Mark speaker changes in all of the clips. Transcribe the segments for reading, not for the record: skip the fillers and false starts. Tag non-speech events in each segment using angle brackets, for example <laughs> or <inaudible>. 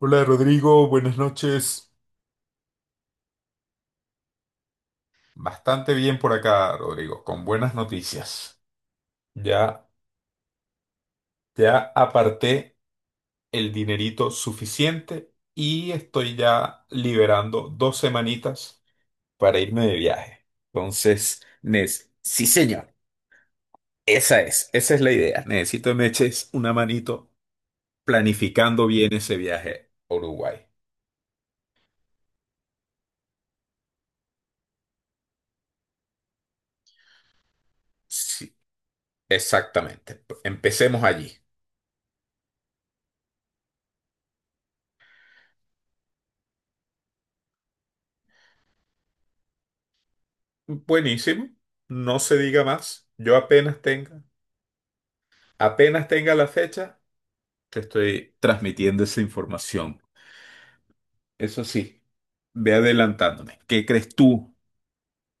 Speaker 1: Hola Rodrigo, buenas noches. Bastante bien por acá, Rodrigo, con buenas noticias. Ya, ya aparté el dinerito suficiente y estoy ya liberando dos semanitas para irme de viaje. Entonces, Nes, sí señor, esa es la idea. Necesito que me eches una manito planificando bien ese viaje a Uruguay. Sí, exactamente. Empecemos allí. Buenísimo, no se diga más. Yo apenas tenga la fecha, te estoy transmitiendo esa información. Eso sí, ve adelantándome. ¿Qué crees tú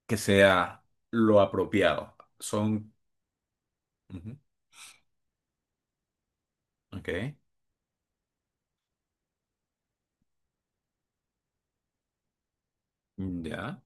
Speaker 1: que sea lo apropiado? Son... Ujú, ok, ya.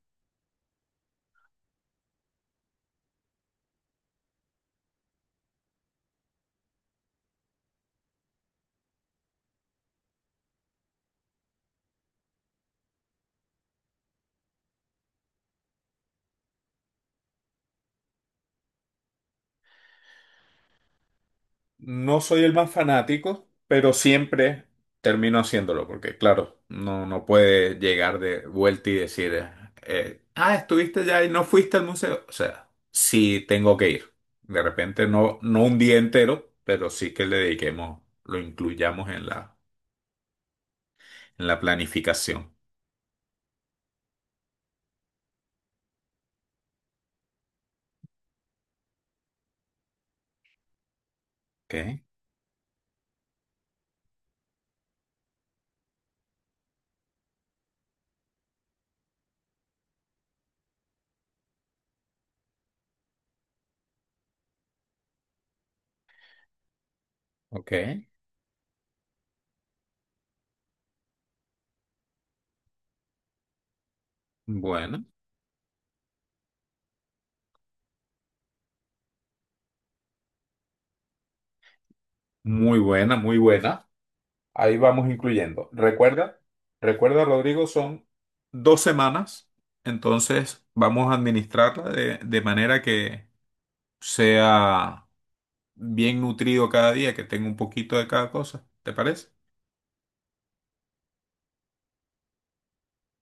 Speaker 1: No soy el más fanático, pero siempre termino haciéndolo, porque claro, no, no puede llegar de vuelta y decir, estuviste ya y no fuiste al museo. O sea, sí tengo que ir. De repente no, no un día entero, pero sí que le dediquemos, lo incluyamos en la planificación. Ok, ok. Bueno, muy buena, muy buena. Ahí vamos incluyendo. Recuerda, recuerda, Rodrigo, son dos semanas, entonces vamos a administrarla de manera que sea bien nutrido cada día, que tenga un poquito de cada cosa. ¿Te parece?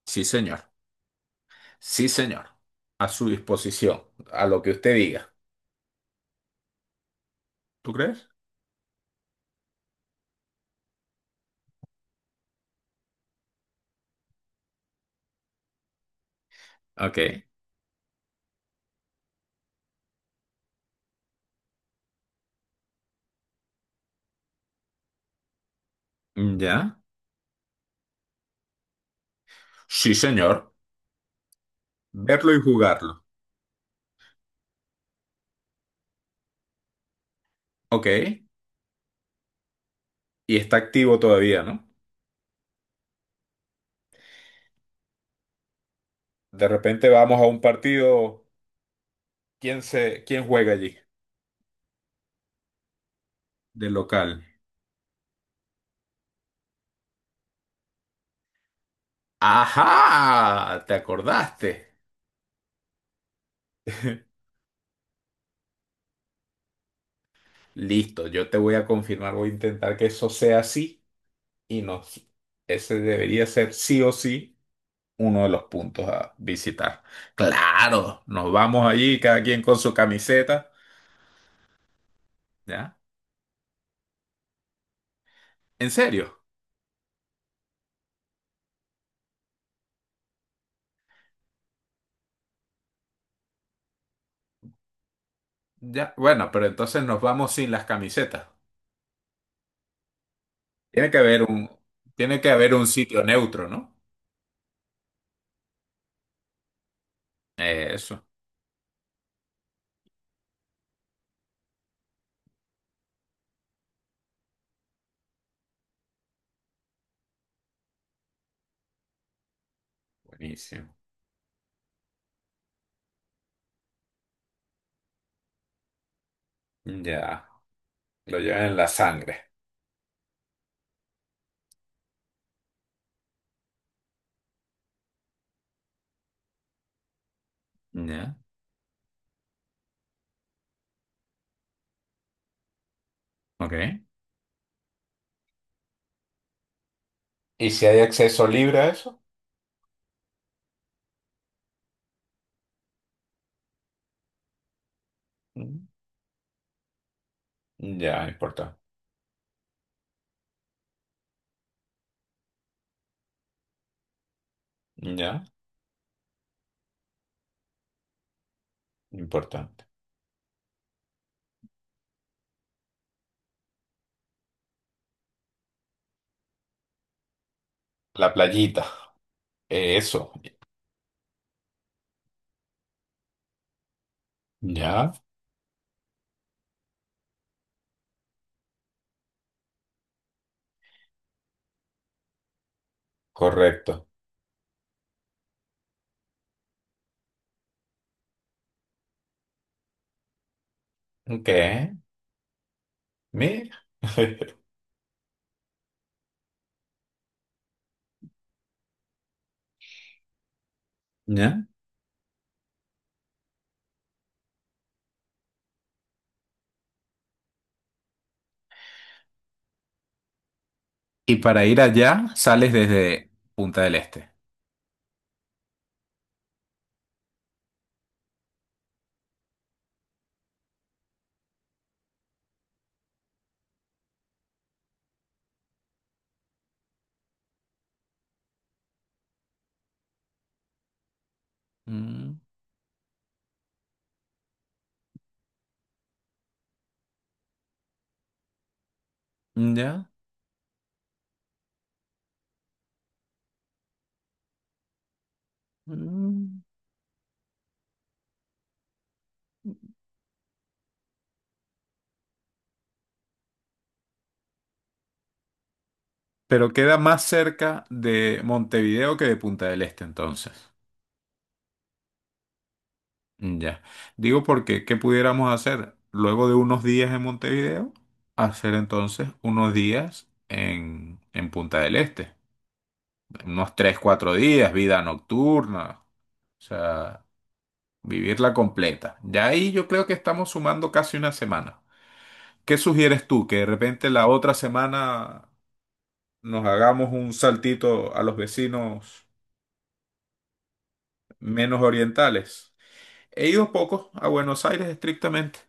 Speaker 1: Sí, señor. Sí, señor. A su disposición, a lo que usted diga. ¿Tú crees? Ok. ¿Ya? Sí, señor. Verlo y jugarlo. Ok. Y está activo todavía, ¿no? De repente vamos a un partido. ¿Quién juega allí de local? ¡Ajá! ¿Te acordaste? <laughs> Listo, yo te voy a confirmar, voy a intentar que eso sea así y nos, ese debería ser sí o sí uno de los puntos a visitar. Claro, nos vamos allí, cada quien con su camiseta, ¿ya? ¿En serio? Ya, bueno, pero entonces nos vamos sin las camisetas. Tiene que haber un, tiene que haber un sitio neutro, ¿no? Eso, buenísimo. Ya, lo llevan en la sangre. Ya, ok. ¿Y si hay acceso libre a eso? Mm, ya, importante. Ya, importante. La playita. Eso. Ya, correcto. Ok, mira. <laughs> Ya. Y para ir allá sales desde Punta del Este. Mm, ya. Mm. Pero queda más cerca de Montevideo que de Punta del Este entonces. Mm, ya. Digo porque, ¿qué pudiéramos hacer? Luego de unos días en Montevideo, hacer entonces unos días en, Punta del Este. Unos 3 4 días, vida nocturna. O sea, vivirla completa. Ya ahí yo creo que estamos sumando casi una semana. ¿Qué sugieres tú? Que de repente la otra semana nos hagamos un saltito a los vecinos menos orientales. He ido pocos a Buenos Aires estrictamente.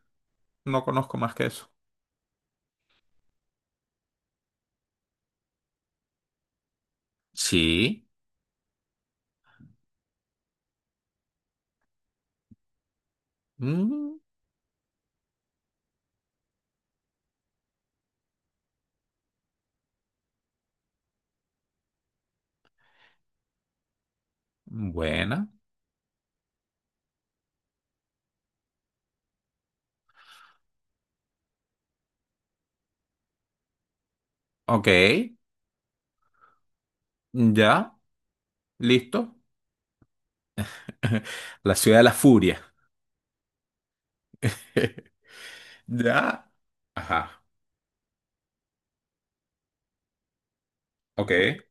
Speaker 1: No conozco más que eso. Sí. Mm, buena. Ok. Ya. Listo. <laughs> La ciudad de la furia. <laughs> Ya. Ajá. Ok.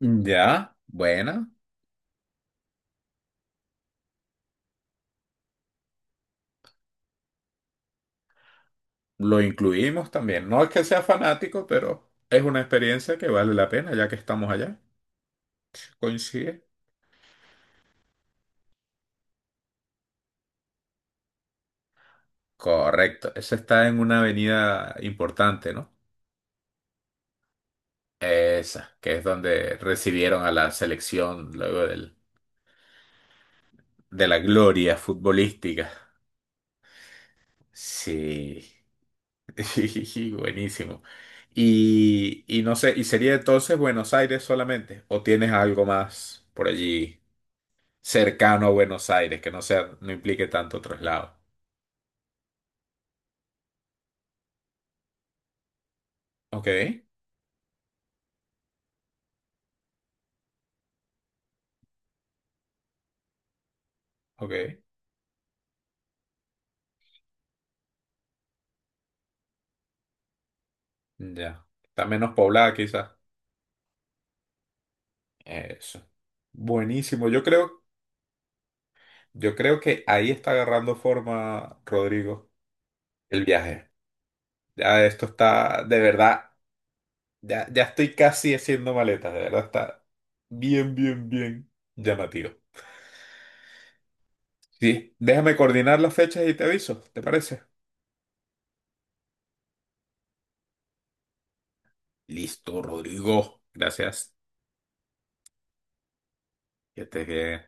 Speaker 1: Ya. Buena. Lo incluimos también. No es que sea fanático, pero es una experiencia que vale la pena ya que estamos allá. Coincide. Correcto. Esa está en una avenida importante, ¿no? Esa, que es donde recibieron a la selección de la gloria futbolística. Sí. <laughs> Buenísimo. Y no sé, ¿y sería entonces Buenos Aires solamente? ¿O tienes algo más por allí cercano a Buenos Aires que no sea, no implique tanto traslado? Ok, ok, ya. Está menos poblada quizás. Eso. Buenísimo. Yo creo que ahí está agarrando forma, Rodrigo, el viaje. Ya esto está, de verdad, ya, ya estoy casi haciendo maletas, de verdad está bien, bien, bien llamativo. Sí, déjame coordinar las fechas y te aviso, ¿te parece? Listo, Rodrigo. Gracias. Que estés bien.